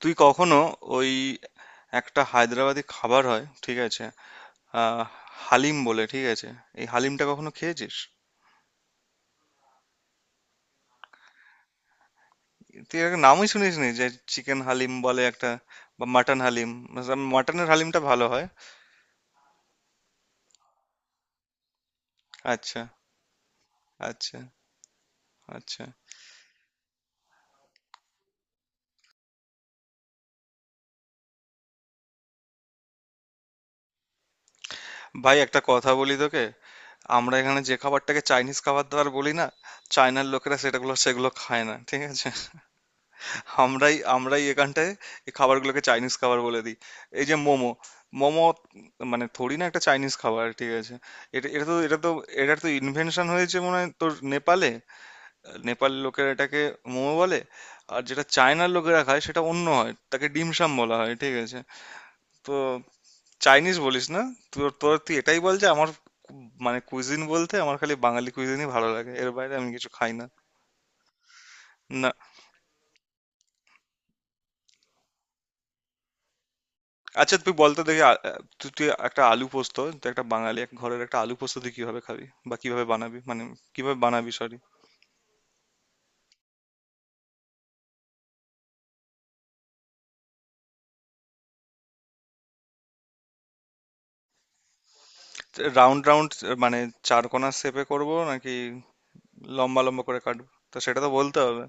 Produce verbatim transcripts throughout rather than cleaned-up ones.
তুই কখনো ওই একটা হায়দ্রাবাদি খাবার হয়, ঠিক আছে? আহ হালিম বলে, ঠিক আছে? এই হালিমটা কখনো খেয়েছিস? তুই এর নামই শুনিস নি যে? চিকেন হালিম বলে একটা, বা মাটন হালিম, মানে মাটনের হালিমটা ভালো হয়। আচ্ছা, আচ্ছা, আচ্ছা। ভাই, একটা কথা বলি তোকে। আমরা এখানে যে খাবারটাকে চাইনিজ খাবার দাবার বলি না, চায়নার লোকেরা সেটাগুলো সেগুলো খায় না, ঠিক আছে? আমরাই আমরাই এখানটায় এই খাবারগুলোকে চাইনিজ খাবার বলে দিই। এই যে মোমো, মোমো মানে থোড়ি না একটা চাইনিজ খাবার, ঠিক আছে? এটা এটা তো এটা তো এটার তো ইনভেনশন হয়েছে মনে হয় তোর নেপালে। নেপাল লোকেরা এটাকে মোমো বলে। আর যেটা চায়নার লোকেরা খায় সেটা অন্য হয়, তাকে ডিমসাম বলা হয়, ঠিক আছে? তো চাইনিজ বলিস না। তোর তোর তুই এটাই বল যে আমার কু- মানে কুইজিন বলতে আমার খালি বাঙালি কুইজিনই ভালো লাগে, এর বাইরে আমি কিছু খাই না। না। আচ্ছা তুই বলতো দেখি, আ- আ- তুই তুই একটা আলু পোস্ত, তুই একটা বাঙালি এক ঘরের একটা আলু পোস্ত তুই কিভাবে খাবি? বা কিভাবে বানাবি, মানে কিভাবে বানাবি, সরি। রাউন্ড রাউন্ড মানে, চার কোণা শেপে করব নাকি লম্বা লম্বা করে কাটবো, তো সেটা তো বলতে হবে।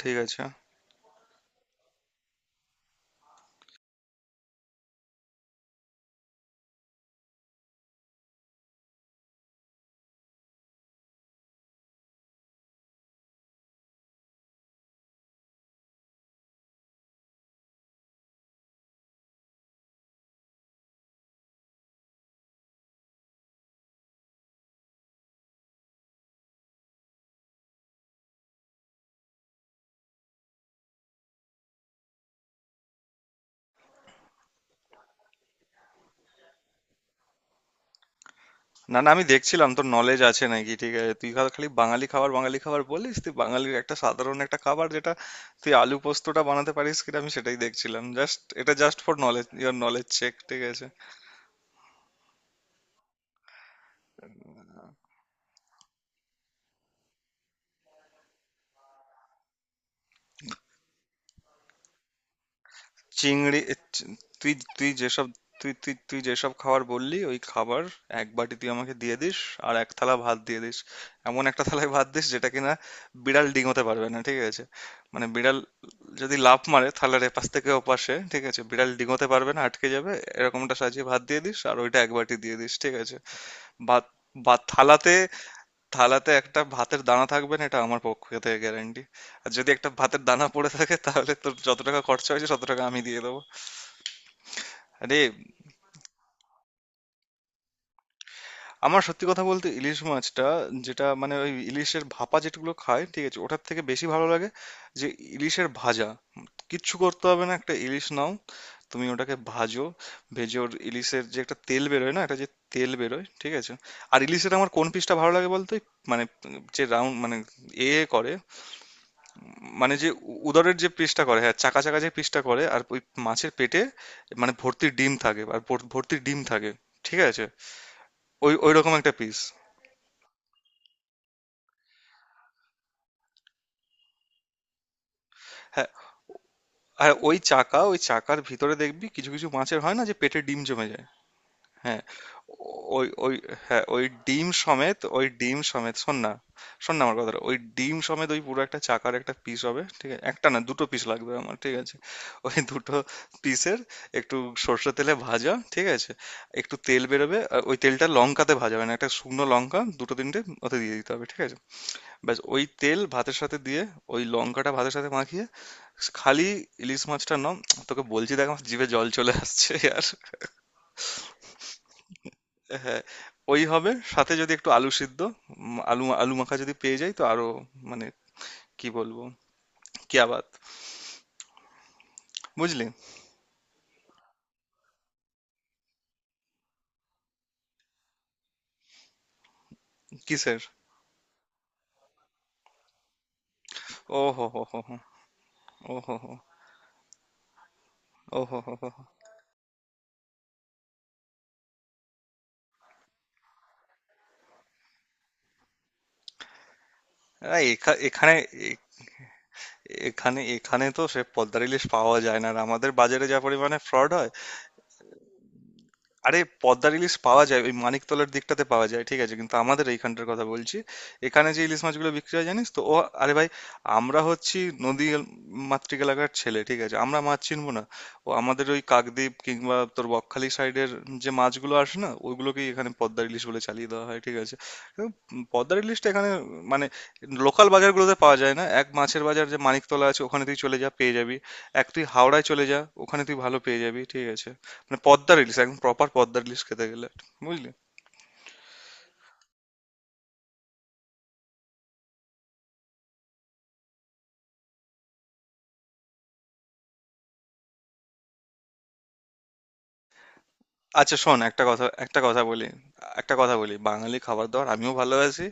ঠিক আছে। না না, আমি দেখছিলাম তোর নলেজ আছে নাকি, ঠিক আছে? তুই খা- খালি বাঙালি খাবার, বাঙালি খাবার বলিস, তুই বাঙালির একটা সাধারণ একটা খাবার যেটা, তুই আলু পোস্তটা বানাতে পারিস কিনা আমি সেটাই দেখছিলাম, জাস্ট এটা just for knowledge, your knowledge check, ঠিক আছে? চিংড়ি, চি- তুই তুই যেসব, তুই তুই তুই যেসব খাবার বললি ওই খাবার এক বাটি তুই আমাকে দিয়ে দিস, আর এক থালা ভাত দিয়ে দিস। এমন একটা থালায় ভাত দিস যেটা কিনা বিড়াল ডিঙোতে পারবে না, ঠিক আছে? মানে বিড়াল যদি লাফ মারে থালার এপাশ থেকে ওপাশে, ঠিক আছে, বিড়াল ডিঙোতে পারবে না, আটকে যাবে। এরকমটা সাজিয়ে ভাত দিয়ে দিস, আর ওইটা এক বাটি দিয়ে দিস, ঠিক আছে? ভাত বা থালাতে, থালাতে একটা ভাতের দানা থাকবে না, এটা আমার পক্ষ থেকে গ্যারান্টি। আর যদি একটা ভাতের দানা পড়ে থাকে তাহলে তোর যত টাকা খরচা হয়েছে তত টাকা আমি দিয়ে দেবো। আরে, আমার সত্যি কথা বলতে ইলিশ মাছটা, যেটা মানে ওই ইলিশের ভাপা যেগুলো খায়, ঠিক আছে, ওটার থেকে বেশি ভালো লাগে যে ইলিশের ভাজা। কিচ্ছু করতে হবে না, একটা ইলিশ নাও, তুমি ওটাকে ভাজো। ভেজে ওর ইলিশের যে একটা তেল বেরোয় না, একটা যে তেল বেরোয়, ঠিক আছে? আর ইলিশের আমার কোন পিসটা ভালো লাগে বলতে, মানে যে রাউন্ড, মানে এ করে, মানে যে উ- উদরের যে পিসটা করে, হ্যাঁ চাকা চাকা যে পিসটা করে, আর ওই মাছের পেটে মানে ভর্তি ডিম থাকে, আর ভর- ভর্তি ডিম থাকে, ঠিক আছে? ওই ওই রকম একটা পিস। হ্যাঁ। আর ওই চাকা, ওই চাকার ভিতরে দেখবি কিছু কিছু মাছের হয় না যে পেটে ডিম জমে যায়। হ্যাঁ। ওই ওই হ্যাঁ ওই ডিম সমেত, ওই ডিম সমেত, শোন না। শোন না আমার কথাটা, ওই ডিম সমেত ওই পুরো একটা চাকার একটা পিস হবে, ঠিক আছে? একটা না, দুটো পিস লাগবে আমার, ঠিক আছে? ওই দুটো পিসের একটু সর্ষে তেলে ভাজা, ঠিক আছে, একটু তেল বেরোবে, আর ওই তেলটা লঙ্কাতে ভাজা, মানে একটা শুকনো লঙ্কা দুটো তিনটে ওতে দিয়ে দিতে হবে, ঠিক আছে? ব্যাস, ওই তেল ভাতের সাথে দিয়ে, ওই লঙ্কাটা ভাতের সাথে মাখিয়ে, খালি ইলিশ মাছটা নম। তোকে বলছি দেখ আমার জিভে জল চলে আসছে। আর হ্যাঁ, ওই হবে সাথে যদি একটু আলু সিদ্ধ, উম, আলু আলু মাখা যদি পেয়ে যাই, তো আরো মানে কি বলবো, কিয়া বাত, বুঝলি? কিসের? ও হো হো হো হো। ও হো হো। ও হো হো হো হো। আরে, এখা- এখানে, এ- এখানে এখানে তো সে পদ্মার ইলিশ পাওয়া যায় না, আর আমাদের বাজারে যা পরিমাণে ফ্রড হয়। আরে পদ্মার ইলিশ পাওয়া যায় ওই মানিকতলার দিকটাতে পাওয়া যায়, ঠিক আছে, কিন্তু আমাদের এইখানটার কথা বলছি। এখানে যে ইলিশ মাছগুলো বিক্রি হয় জানিস তো ও। আরে ভাই, আমরা হচ্ছি নদী এল- মাতৃক এলাকার ছেলে, ঠিক আছে, আমরা মাছ চিনবো না? ও, আমাদের ওই কাকদ্বীপ কিংবা তোর বকখালি সাইডের যে মাছগুলো আসে না, ওইগুলোকেই এখানে পদ্মার ইলিশ বলে চালিয়ে দেওয়া হয়, ঠিক আছে? উম, পদ্মার ইলিশটা এখানে মানে লোকাল বাজারগুলোতে পাওয়া যায় না। এক মাছের বাজার যে মানিকতলা আছে, ওখানে তুই চলে যা, পেয়ে যাবি। এক তুই হাওড়ায় চলে যা, ওখানে তুই ভালো পেয়ে যাবি, ঠিক আছে? মানে পদ্মা রিলিজ, একদম প্রপার পদ্মা রিলিজ খেতে গেলে, বুঝলি? আচ্ছা শোন একটা কথা, একটা কথা বলি, একটা কথা বলি, বাঙালি খাবার দাবার আমিও ভালোবাসি।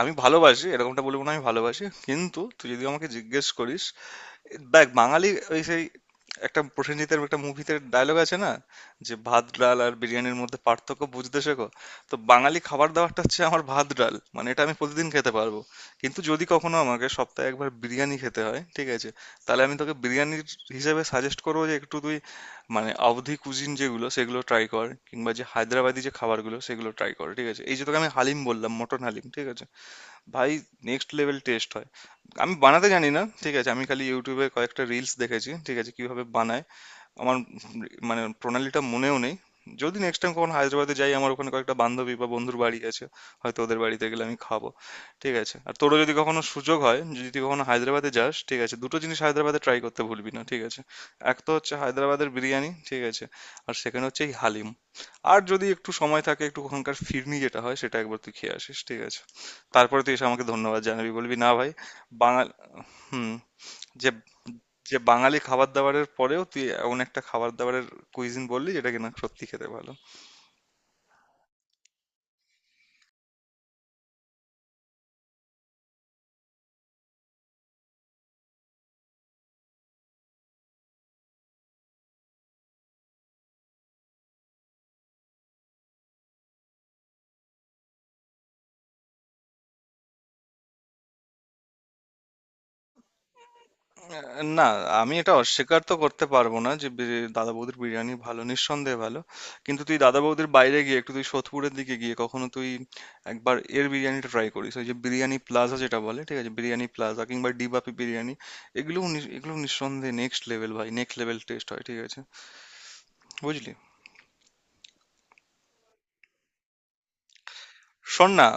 আমি ভালোবাসি এরকমটা বলবো না, আমি ভালোবাসি, কিন্তু তুই যদি আমাকে জিজ্ঞেস করিস, দেখ বাঙালি, ওই সেই একটা প্রসেনজিতের একটা মুভিতে ডায়লগ আছে না, যে ভাত ডাল আর বিরিয়ানির মধ্যে পার্থক্য বুঝতে শেখো। তো বাঙালি খাবার দাবারটা হচ্ছে আমার ভাত ডাল, মানে এটা আমি প্রতিদিন খেতে পারবো। কিন্তু যদি কখনো আমাকে সপ্তাহে একবার বিরিয়ানি খেতে হয়, ঠিক আছে, তাহলে আমি তোকে বিরিয়ানির হিসেবে সাজেস্ট করবো যে একটু তুই মানে অবধি কুজিন যেগুলো সেগুলো ট্রাই কর, কিংবা যে হায়দ্রাবাদি যে খাবারগুলো সেগুলো ট্রাই কর, ঠিক আছে? এই যে তোকে আমি হালিম বললাম, মটন হালিম, ঠিক আছে? ভাই, নেক্সট লেভেল টেস্ট হয়। আমি বানাতে জানি না, ঠিক আছে, আমি খালি ইউটিউবে কয়েকটা রিলস দেখেছি, ঠিক আছে, কিভাবে বানায়। আমার মানে প্রণালীটা মনেও নেই। যদি নেক্সট টাইম কখন হায়দ্রাবাদে যাই, আমার ওখানে কয়েকটা বান্ধবী বা বন্ধুর বাড়ি আছে, হয়তো ওদের বাড়িতে গেলে আমি খাবো, ঠিক আছে? আর তোরও যদি কখনো সুযোগ হয়, যদি তুই কখনো হায়দ্রাবাদে যাস, ঠিক আছে, দুটো জিনিস হায়দ্রাবাদে ট্রাই করতে ভুলবি না, ঠিক আছে? এক তো হচ্ছে হায়দ্রাবাদের বিরিয়ানি, ঠিক আছে, আর সেখানে হচ্ছে এই হালিম। আর যদি একটু সময় থাকে, একটু ওখানকার ফিরনি যেটা হয় সেটা একবার তুই খেয়ে আসিস, ঠিক আছে? তারপরে তুই এসে আমাকে ধন্যবাদ জানাবি, বলবি না ভাই। বাঙাল। হুম। যে, যে বাঙালি খাবার দাবারের পরেও তুই এমন একটা খাবার দাবারের কুইজিন বললি যেটা কিনা সত্যি খেতে ভালো। আহ, না, আমি এটা অস্বীকার তো করতে পারবো না যে বি- দাদা বৌদির বিরিয়ানি ভালো, নিঃসন্দেহে ভালো। কিন্তু তুই দাদা বৌদির বাইরে গিয়ে একটু তুই সোদপুরের দিকে গিয়ে কখনো তুই একবার এর বিরিয়ানিটা ট্রাই করিস, ওই যে বিরিয়ানি প্লাজা যেটা বলে, ঠিক আছে, বিরিয়ানি প্লাজা কিংবা ডিবাপি বিরিয়ানি, এগুলো নি- এগুলো নিঃসন্দেহে নেক্সট লেভেল, ভাই, নেক্সট লেভেল টেস্ট হয়, ঠিক আছে? বুঝলি? শোন না,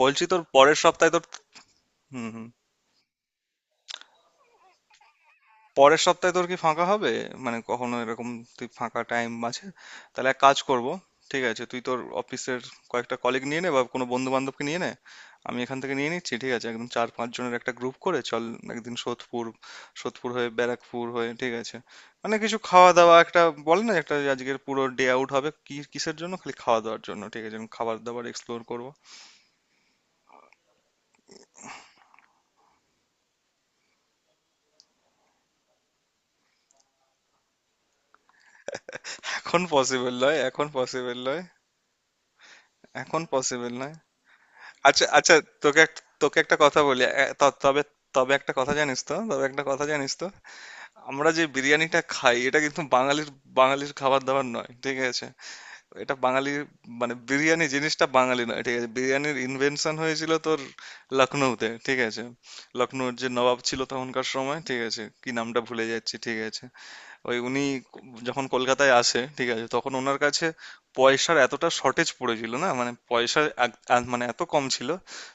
বলছি তোর পরের সপ্তাহে তোর, হুম হুম, পরের সপ্তাহে তোর কি ফাঁকা হবে? মানে কখনো এরকম তুই ফাঁকা টাইম আছে? তাহলে এক কাজ করব, ঠিক আছে, তুই তোর অফিসের কয়েকটা কলিগ নিয়ে নে, বা কোনো বন্ধু বান্ধবকে নিয়ে নে, আমি এখান থেকে নিয়ে নিচ্ছি, ঠিক আছে? একদম চার পাঁচ জনের একটা গ্রুপ করে চল। একদিন সোদপুর, সোদপুর হয়ে ব্যারাকপুর হয়ে, ঠিক আছে, মানে কিছু খাওয়া দাওয়া, একটা বলে না, একটা আজকের পুরো ডে আউট হবে, কি কিসের জন্য, খালি খাওয়া দাওয়ার জন্য, ঠিক আছে, আমি খাবার দাবার এক্সপ্লোর করব। এখন পসিবল নয় এখন পসিবল নয় এখন পসিবল নয়। আচ্ছা আচ্ছা। তোকে এক- তোকে একটা কথা বলি, এ, ত- তবে, তবে একটা কথা জানিস তো, তবে একটা কথা জানিস তো, আমরা যে বিরিয়ানিটা খাই এটা কিন্তু বাঙালির, বাঙালির খাবার দাবার নয়, ঠিক আছে? এটা বাঙালি মানে বিরিয়ানি জিনিসটা বাঙালি নয়, ঠিক আছে? বিরিয়ানির ইনভেনশন হয়েছিল তোর লখনৌতে, ঠিক আছে? লখনৌর যে নবাব ছিল তখনকার সময়, ঠিক আছে, কি নামটা ভুলে যাচ্ছি, ঠিক আছে, ওই উনি যখন কলকাতায় আসে, ঠিক আছে, তখন ওনার কাছে পয়সার এতটা শর্টেজ পড়েছিল না, মানে পয়সা এক- এক- মানে এত কম ছিল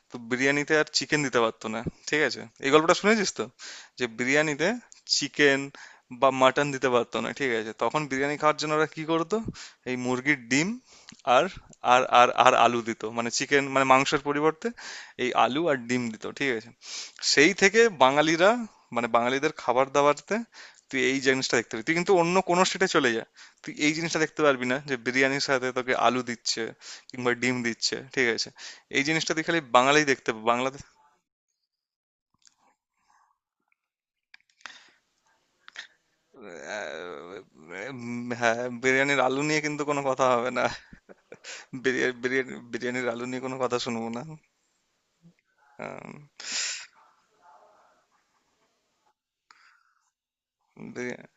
তো বিরিয়ানিতে আর চিকেন দিতে পারতো না, ঠিক আছে? এই গল্পটা শুনেছিস তো, যে বিরিয়ানিতে চিকেন বা মাটন দিতে পারতো না, ঠিক আছে? তখন বিরিয়ানি খাওয়ার জন্য ওরা কি করতো, এই মুরগির ডিম আর আর আর আর আলু দিত, মানে চিকেন মানে মাংসের পরিবর্তে এই আলু আর ডিম দিত, ঠিক আছে? সেই থেকে বাঙালিরা মানে বাঙালিদের খাবার দাবারতে তুই এই জিনিসটা দেখতে পাবি, তুই কিন্তু অন্য কোনো স্টেটে চলে যা, তুই এই জিনিসটা দেখতে পারবি না যে বিরিয়ানির সাথে তোকে আলু দিচ্ছে কিংবা ডিম দিচ্ছে, ঠিক আছে? এই জিনিসটা তুই খালি বাঙালি দেখতে পাবি বাংলাতে। আহ, উম, হ্যাঁ, বিরিয়ানির আলু নিয়ে কিন্তু কোনো কথা হবে না। বিরিয়ানি বিরিয়ানি- বিরিয়ানির আলু নিয়ে কোনো কথা শুনবো না। আম, বিরি-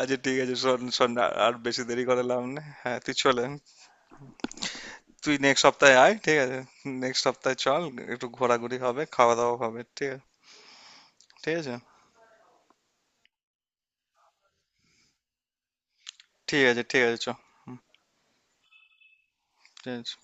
আচ্ছা ঠিক আছে, শোন শোন, আর আর বেশি দেরি করে লাভ নেই, হ্যাঁ তুই চলে, তুই নেক্সট সপ্তাহে আয়, ঠিক আছে? নেক্সট সপ্তাহে চল, একটু ঘোরাঘুরি হবে, খাওয়া দাওয়া হবে, ঠিক আছে ঠিক আছে ঠিক আছে ঠিক আছে চ stands